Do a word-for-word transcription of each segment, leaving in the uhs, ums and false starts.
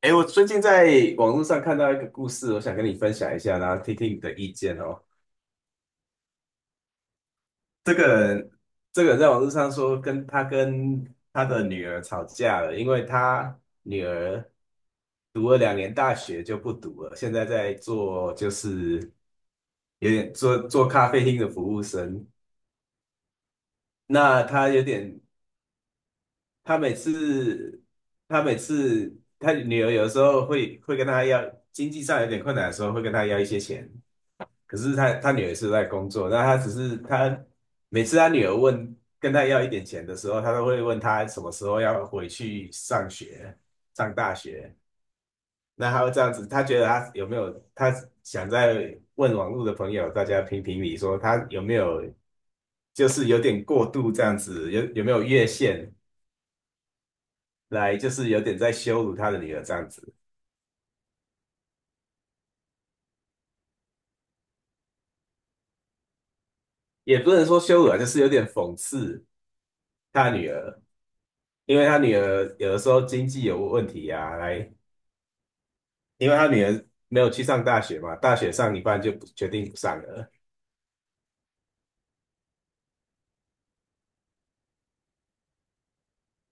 哎，我最近在网络上看到一个故事，我想跟你分享一下，然后听听你的意见哦。这个人，这个人在网络上说跟他跟他的女儿吵架了，因为他女儿读了两年大学就不读了，现在在做，就是有点做做咖啡厅的服务生。那他有点，他每次他每次他女儿有时候会会跟他要，经济上有点困难的时候会跟他要一些钱。可是他他女儿是在工作，那他只是，他每次他女儿问，跟他要一点钱的时候，他都会问他什么时候要回去上学，上大学。那他会这样子。他觉得他有没有他想在问网络的朋友，大家评评理，说他有没有，就是有点过度这样子，有有没有越线？来，就是有点在羞辱他的女儿这样子。也不能说羞辱啊，就是有点讽刺他女儿。因为他女儿有的时候经济有问题呀。来，因为他女儿没有去上大学嘛，大学上一半就不决定不上了。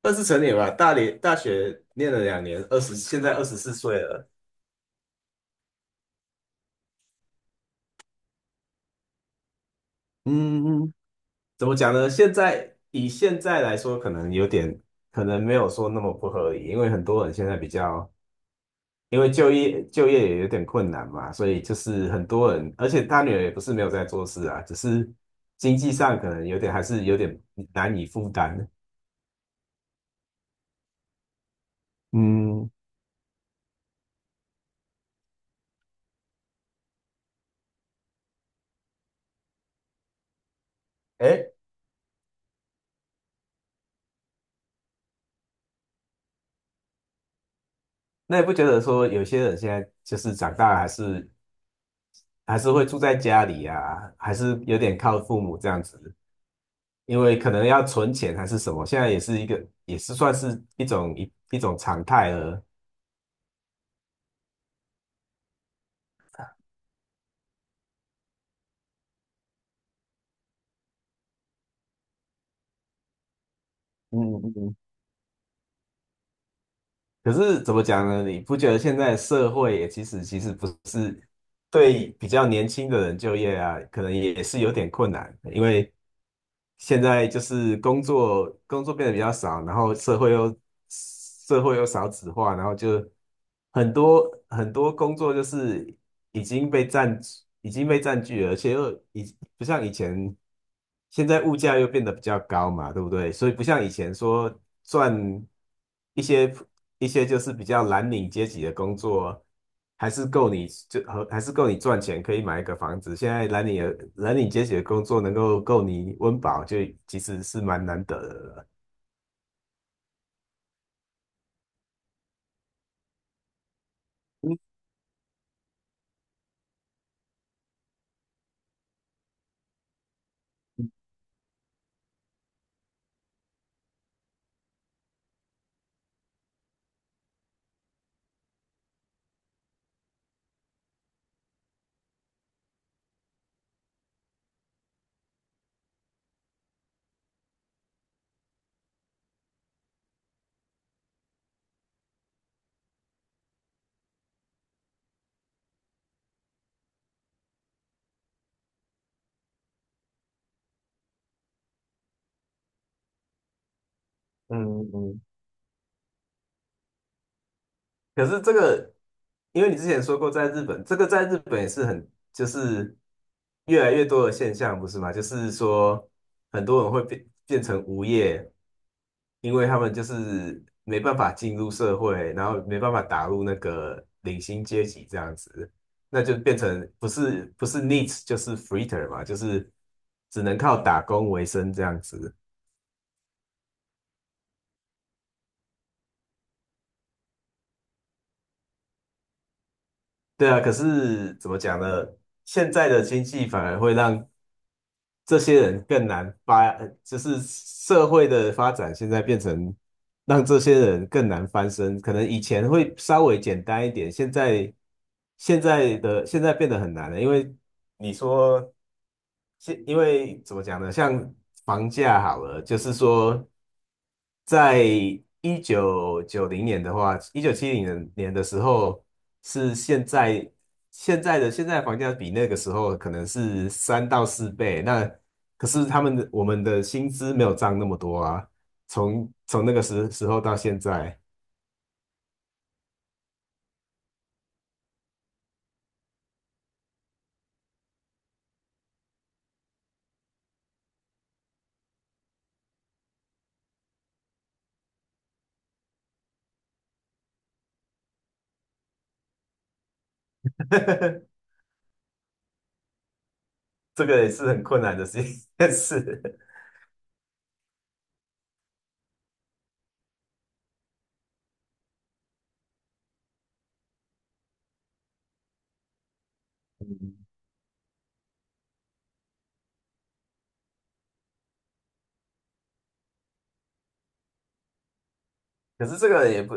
二十成年吧，大连大学念了两年，二十现在二十四岁了。嗯嗯，怎么讲呢？现在以现在来说，可能有点，可能没有说那么不合理。因为很多人现在比较，因为就业就业也有点困难嘛，所以就是很多人。而且他女儿也不是没有在做事啊，只是经济上可能有点还是有点难以负担。嗯，哎，那也不觉得说有些人现在就是长大，还是还是会住在家里啊，还是有点靠父母这样子。因为可能要存钱还是什么，现在也是一个，也是算是一种一一种常态了。嗯嗯嗯，可是怎么讲呢？你不觉得现在社会也，其实其实不是对比较年轻的人就业啊，可能也是有点困难。因为现在就是工作工作变得比较少，然后社会又社会又少子化，然后就很多很多工作就是已经被占已经被占据了，而且又已不像以前。现在物价又变得比较高嘛，对不对？所以不像以前说，赚一些一些就是比较蓝领阶级的工作，还是够你，就和还是够你赚钱，可以买一个房子。现在蓝领的蓝领阶级的工作能够够你温饱，就其实是蛮难得的了。嗯嗯，可是这个，因为你之前说过在日本，这个在日本也是很，就是越来越多的现象，不是吗？就是说很多人会变变成无业。因为他们就是没办法进入社会，然后没办法打入那个领薪阶级这样子。那就变成不是不是 needs， 就是 freeter 嘛，就是只能靠打工为生这样子。对啊，可是怎么讲呢？现在的经济反而会让这些人更难发，呃就是，社会的发展现在变成让这些人更难翻身。可能以前会稍微简单一点，现在现在的现在变得很难了。因为你说，现因为怎么讲呢？像房价好了，就是说，在一九九零年的话，一九七零年年的时候，是现在，现在的现在房价比那个时候可能是三到四倍。那可是他们的我们的薪资没有涨那么多啊，从从那个时时候到现在。这个也是很困难的事件事。可是这个也不，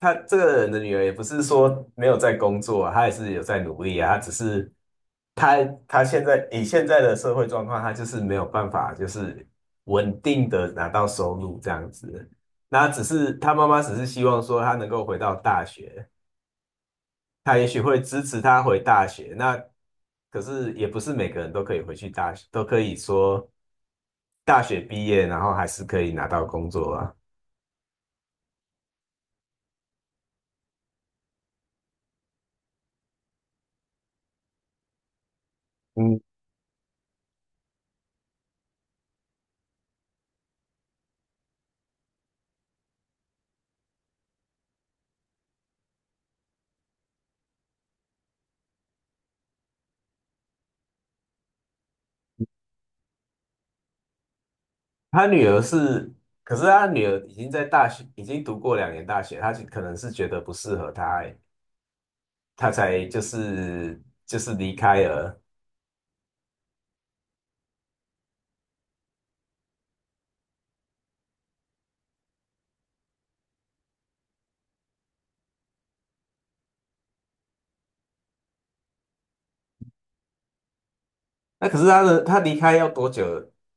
他这个人的女儿也不是说没有在工作啊。她也是有在努力啊。她只是她她现在，以现在的社会状况，她就是没有办法就是稳定的拿到收入这样子。那只是她妈妈只是希望说她能够回到大学，她也许会支持她回大学。那可是也不是每个人都可以回去大学，都可以说大学毕业然后还是可以拿到工作啊。嗯。他女儿是，可是他女儿已经在大学，已经读过两年大学，他就可能是觉得不适合他，他才就是就是离开了。那可是他的他离开要多久？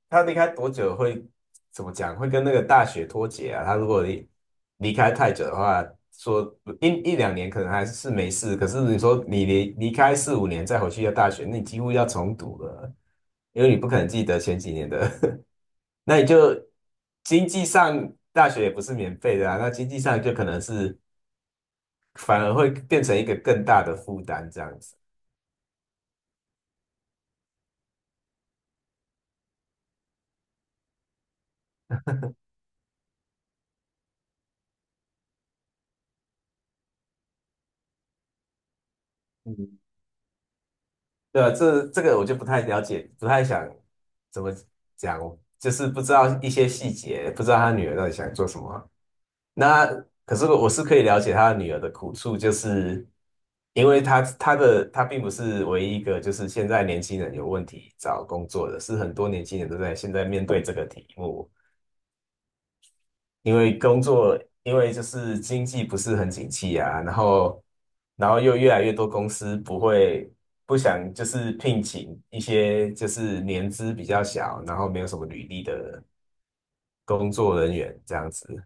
他离开多久，会怎么讲？会跟那个大学脱节啊？他如果离离开太久的话，说一一两年可能还是没事。可是你说你离离开四五年再回去要大学，那你几乎要重读了，因为你不可能记得前几年的。那你就，经济上大学也不是免费的啊，那经济上就可能是反而会变成一个更大的负担这样子。嗯，对啊，这这个我就不太了解，不太想怎么讲，就是不知道一些细节，不知道他女儿到底想做什么。那，可是我是可以了解他的女儿的苦处，就是因为他他的他并不是唯一一个，就是现在年轻人有问题找工作的，是很多年轻人都在现在面对这个题目。因为工作，因为就是经济不是很景气啊，然后，然后又越来越多公司不会不想就是聘请一些就是年资比较小，然后没有什么履历的工作人员这样子。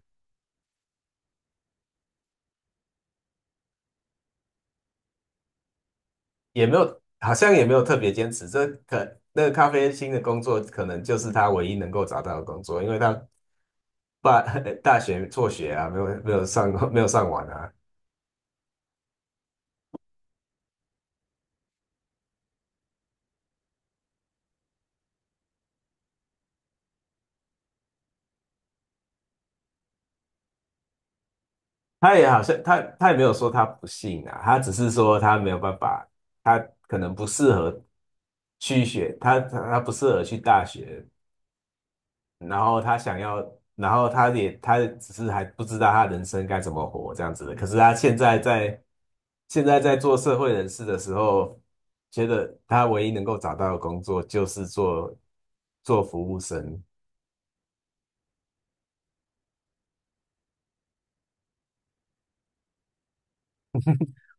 也没有好像也没有特别坚持。这可那个咖啡厅的工作可能就是他唯一能够找到的工作，因为他大 大学辍学啊，没有没有上没有上完啊。他也好像他他也没有说他不信啊，他只是说他没有办法，他可能不适合去学，他他他不适合去大学。然后他想要，然后他也他只是还不知道他人生该怎么活这样子的。可是他现在在，现在在做社会人士的时候，觉得他唯一能够找到的工作就是做做服务生。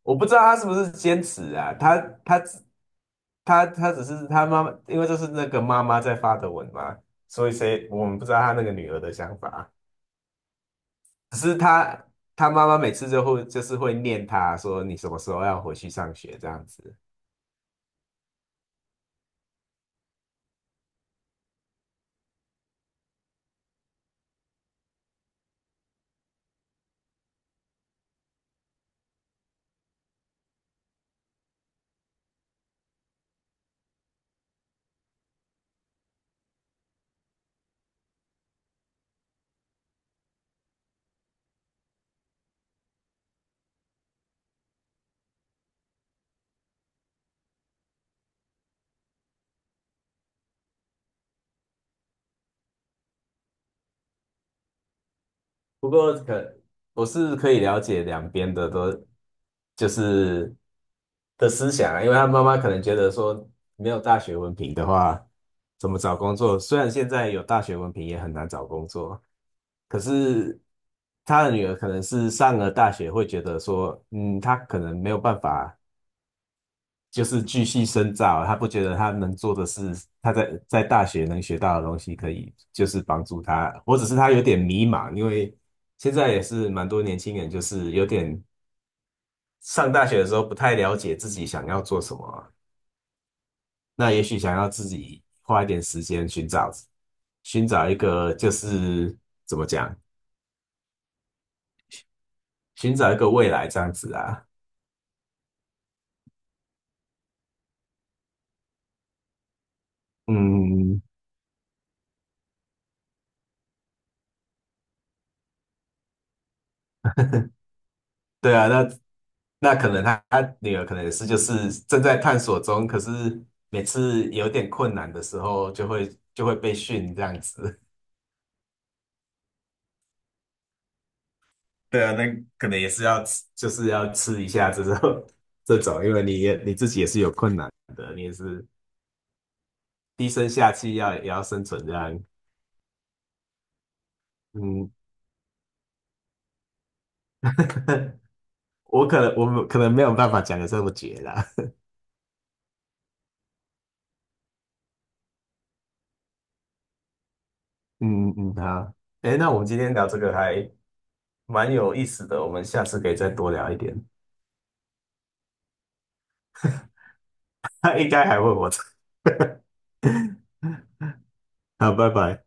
我不知道他是不是坚持啊。他他他他只是他妈妈，因为这是那个妈妈在发的文嘛，所以谁我们不知道他那个女儿的想法。只是他他妈妈每次就会就是会念他说你什么时候要回去上学这样子。不过可我是可以了解两边的都，就是的思想啊。因为他妈妈可能觉得说没有大学文凭的话，怎么找工作？虽然现在有大学文凭也很难找工作，可是他的女儿可能是上了大学，会觉得说，嗯，他可能没有办法，就是继续深造啊。他不觉得他能做的事，他在在大学能学到的东西，可以就是帮助他。或者是他有点迷茫，因为现在也是蛮多年轻人，就是有点上大学的时候不太了解自己想要做什么啊，那也许想要自己花一点时间寻找寻找一个就是怎么讲，寻找一个未来这样子啊。嗯，对啊，那那可能他他女儿可能也是就是正在探索中。可是每次有点困难的时候，就会就会被训这样子。对啊，那可能也是要吃，就是要吃一下这种 这种，因为你也你自己也是有困难的，你也是低声下气，要也要生存这样。嗯，我可能我们可能没有办法讲的这么绝啦。嗯嗯，好，诶，那我们今天聊这个还蛮有意思的，我们下次可以再多聊一点。他应该还问我这个，好，拜拜。